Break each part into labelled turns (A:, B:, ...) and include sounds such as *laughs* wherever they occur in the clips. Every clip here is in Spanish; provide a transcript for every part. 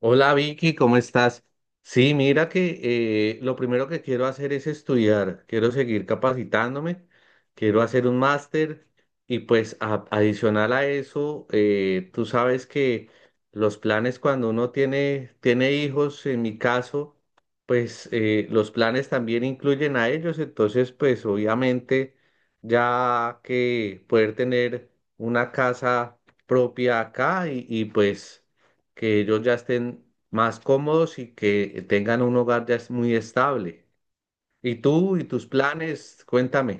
A: Hola Vicky, ¿cómo estás? Sí, mira que lo primero que quiero hacer es estudiar, quiero seguir capacitándome, quiero hacer un máster y pues adicional a eso, tú sabes que los planes cuando uno tiene hijos, en mi caso, pues los planes también incluyen a ellos, entonces pues obviamente ya que poder tener una casa propia acá y, pues que ellos ya estén más cómodos y que tengan un hogar ya es muy estable. ¿Y tú y tus planes? Cuéntame.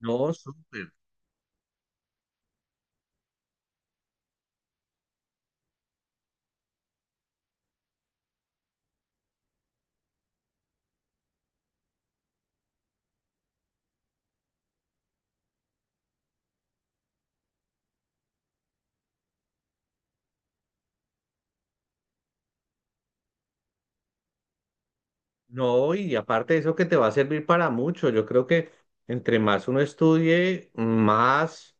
A: No, súper. No, y aparte de eso que te va a servir para mucho. Yo creo que entre más uno estudie,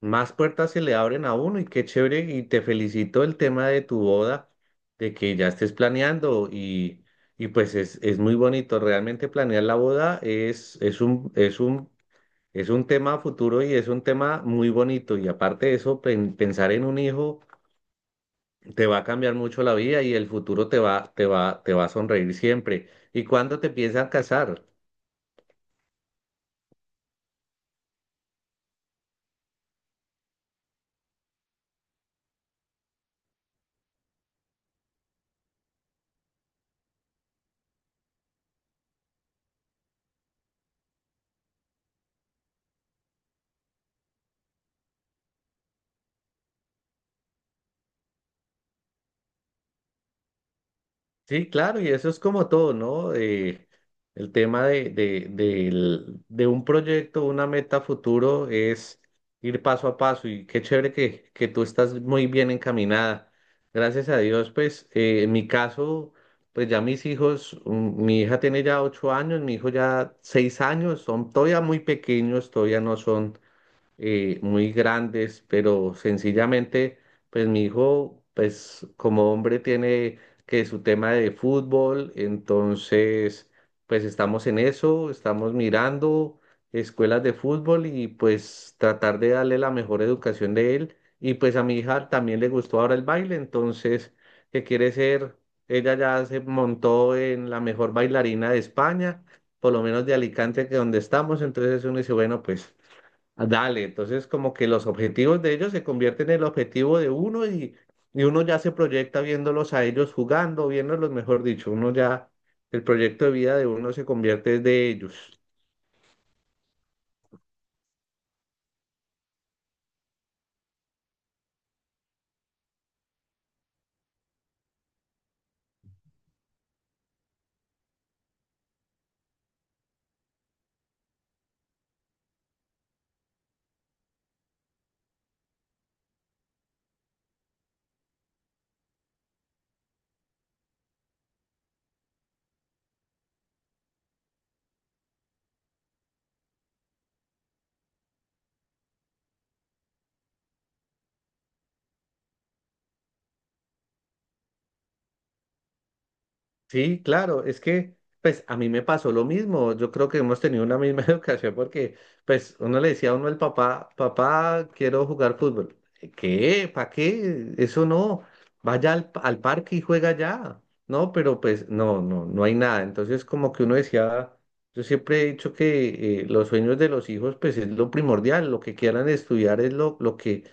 A: más puertas se le abren a uno y qué chévere. Y te felicito el tema de tu boda, de que ya estés planeando y pues es muy bonito. Realmente planear la boda es un es un tema a futuro y es un tema muy bonito. Y aparte de eso, pensar en un hijo te va a cambiar mucho la vida y el futuro te va a sonreír siempre. ¿Y cuándo te piensan casar? Sí, claro, y eso es como todo, ¿no? El tema de un proyecto, una meta futuro es ir paso a paso y qué chévere que tú estás muy bien encaminada. Gracias a Dios, pues en mi caso, pues ya mis hijos, mi hija tiene ya 8 años, mi hijo ya 6 años, son todavía muy pequeños, todavía no son muy grandes, pero sencillamente, pues mi hijo, pues como hombre tiene que su tema de fútbol, entonces, pues estamos en eso, estamos mirando escuelas de fútbol y pues tratar de darle la mejor educación de él. Y pues a mi hija también le gustó ahora el baile, entonces, que quiere ser, ella ya se montó en la mejor bailarina de España, por lo menos de Alicante, que donde estamos, entonces uno dice, bueno, pues... Dale, entonces como que los objetivos de ellos se convierten en el objetivo de uno y uno ya se proyecta viéndolos a ellos jugando, viéndolos, mejor dicho, uno ya, el proyecto de vida de uno se convierte de ellos. Sí, claro, es que pues a mí me pasó lo mismo, yo creo que hemos tenido una misma *laughs* educación porque pues uno le decía a uno el papá, papá, quiero jugar fútbol. ¿Qué? ¿Para qué? Eso no, vaya al parque y juega ya, ¿no? Pero pues no hay nada. Entonces como que uno decía, yo siempre he dicho que los sueños de los hijos pues es lo primordial, lo que quieran estudiar es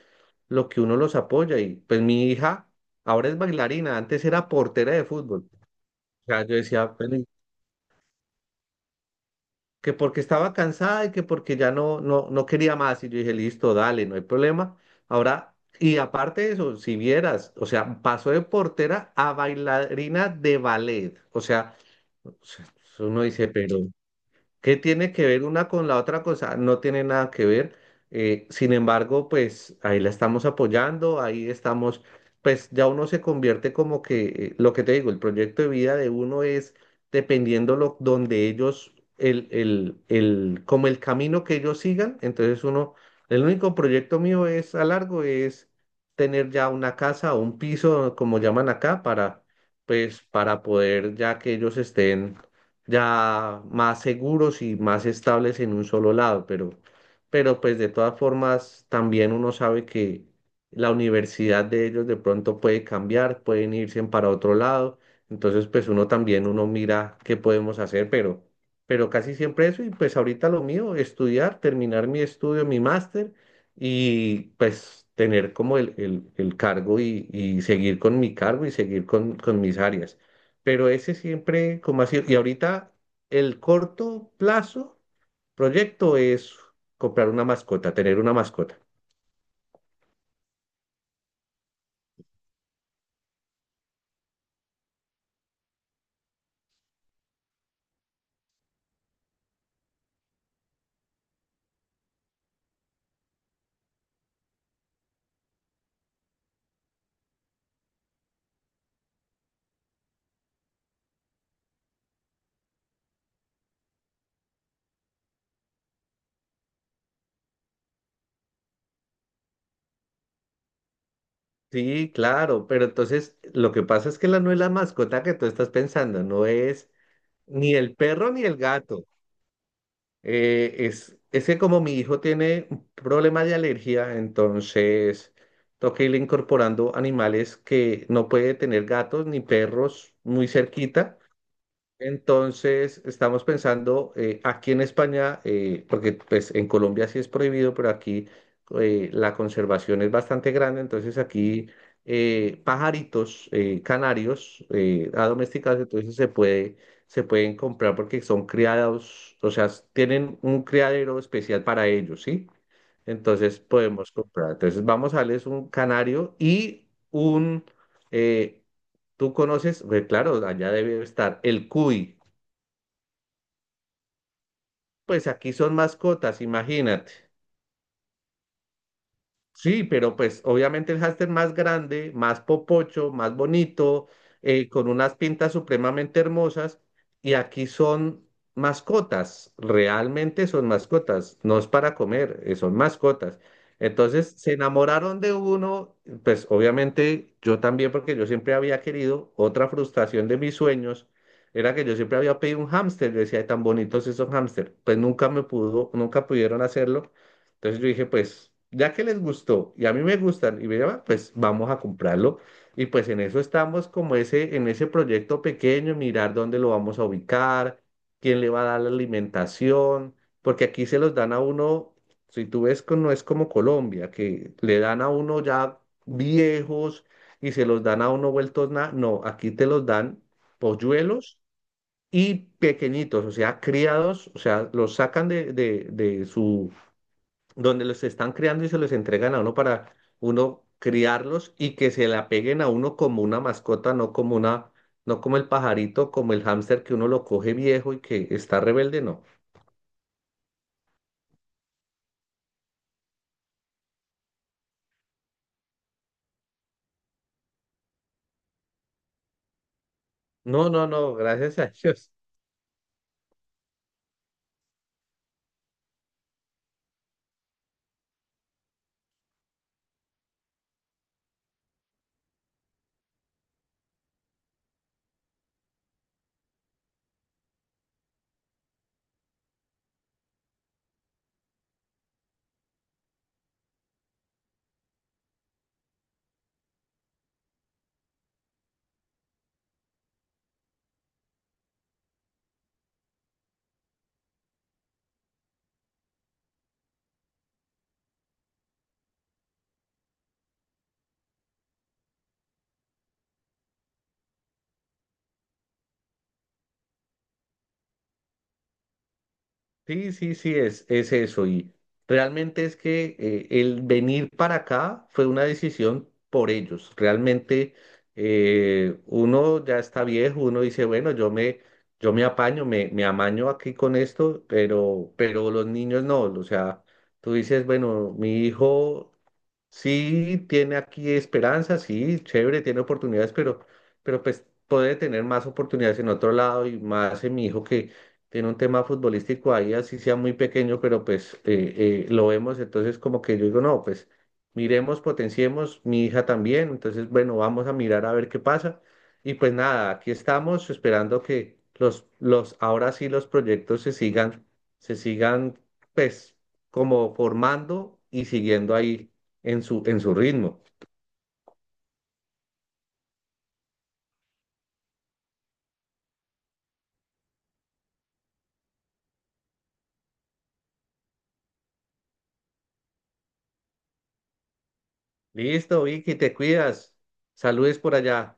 A: lo que uno los apoya y pues mi hija ahora es bailarina, antes era portera de fútbol sea, yo decía, "Pero, ¿y que porque estaba cansada y que porque ya no quería más. Y yo dije, listo, dale, no hay problema. Ahora, y aparte de eso, si vieras, o sea, pasó de portera a bailarina de ballet. O sea, uno dice, pero ¿Qué tiene que ver una con la otra cosa? No tiene nada que ver. Sin embargo, pues ahí la estamos apoyando, ahí estamos, pues ya uno se convierte como que, lo que te digo, el proyecto de vida de uno es dependiendo lo, donde ellos, como el camino que ellos sigan. Entonces uno, el único proyecto mío es a largo, es tener ya una casa o un piso, como llaman acá, para, pues, para poder ya que ellos estén ya más seguros y más estables en un solo lado, pero pues de todas formas también uno sabe que la universidad de ellos de pronto puede cambiar, pueden irse para otro lado, entonces pues uno también uno mira qué podemos hacer, pero casi siempre eso y pues ahorita lo mío, estudiar, terminar mi estudio, mi máster y pues tener como el cargo y seguir con mi cargo y seguir con mis áreas pero ese siempre como así. Y ahorita el corto plazo proyecto es comprar una mascota, tener una mascota. Sí, claro, pero entonces lo que pasa es que la no es la mascota que tú estás pensando, no es ni el perro ni el gato. Es que como mi hijo tiene un problema de alergia, entonces toca irle incorporando animales que no puede tener gatos ni perros muy cerquita. Entonces, estamos pensando aquí en España, porque pues en Colombia sí es prohibido, pero aquí la conservación es bastante grande, entonces aquí pajaritos canarios adomesticados, entonces se puede, se pueden comprar porque son criados, o sea, tienen un criadero especial para ellos, ¿sí? Entonces podemos comprar. Entonces vamos a darles un canario y un, eh, tú conoces, pues claro, allá debe estar el cuy. Pues aquí son mascotas, imagínate. Sí, pero pues obviamente el hámster más grande, más popocho, más bonito, con unas pintas supremamente hermosas, y aquí son mascotas, realmente son mascotas, no es para comer, son mascotas. Entonces se enamoraron de uno, pues obviamente yo también, porque yo siempre había querido, otra frustración de mis sueños era que yo siempre había pedido un hámster, yo decía, "Ay, tan bonitos esos hámster, pues nunca me pudo, nunca pudieron hacerlo." Entonces yo dije, pues, ya que les gustó y a mí me gustan y me llaman, pues vamos a comprarlo. Y pues en eso estamos como ese, en ese proyecto pequeño, mirar dónde lo vamos a ubicar, quién le va a dar la alimentación, porque aquí se los dan a uno, si tú ves, no es como Colombia, que le dan a uno ya viejos y se los dan a uno vueltos nada. No, aquí te los dan polluelos y pequeñitos, o sea, criados, o sea, los sacan de su donde los están creando y se los entregan a uno para uno criarlos y que se le apeguen a uno como una mascota, no como una, no como el pajarito, como el hámster que uno lo coge viejo y que está rebelde, no. No, no, no, gracias a Dios. Sí, sí, sí, es eso. Y realmente es que el venir para acá fue una decisión por ellos. Realmente uno ya está viejo, uno dice, bueno, yo me apaño, me amaño aquí con esto, pero los niños no. O sea, tú dices, bueno, mi hijo sí, tiene aquí esperanza, sí, chévere, tiene oportunidades, pero pues puede tener más oportunidades en otro lado y más en mi hijo que tiene un tema futbolístico ahí, así sea muy pequeño, pero pues lo vemos, entonces como que yo digo, no, pues miremos, potenciemos, mi hija también, entonces bueno, vamos a mirar a ver qué pasa. Y pues nada, aquí estamos esperando que ahora sí los proyectos se sigan pues como formando y siguiendo ahí en su ritmo. Listo, Vicky, te cuidas. Saludes por allá.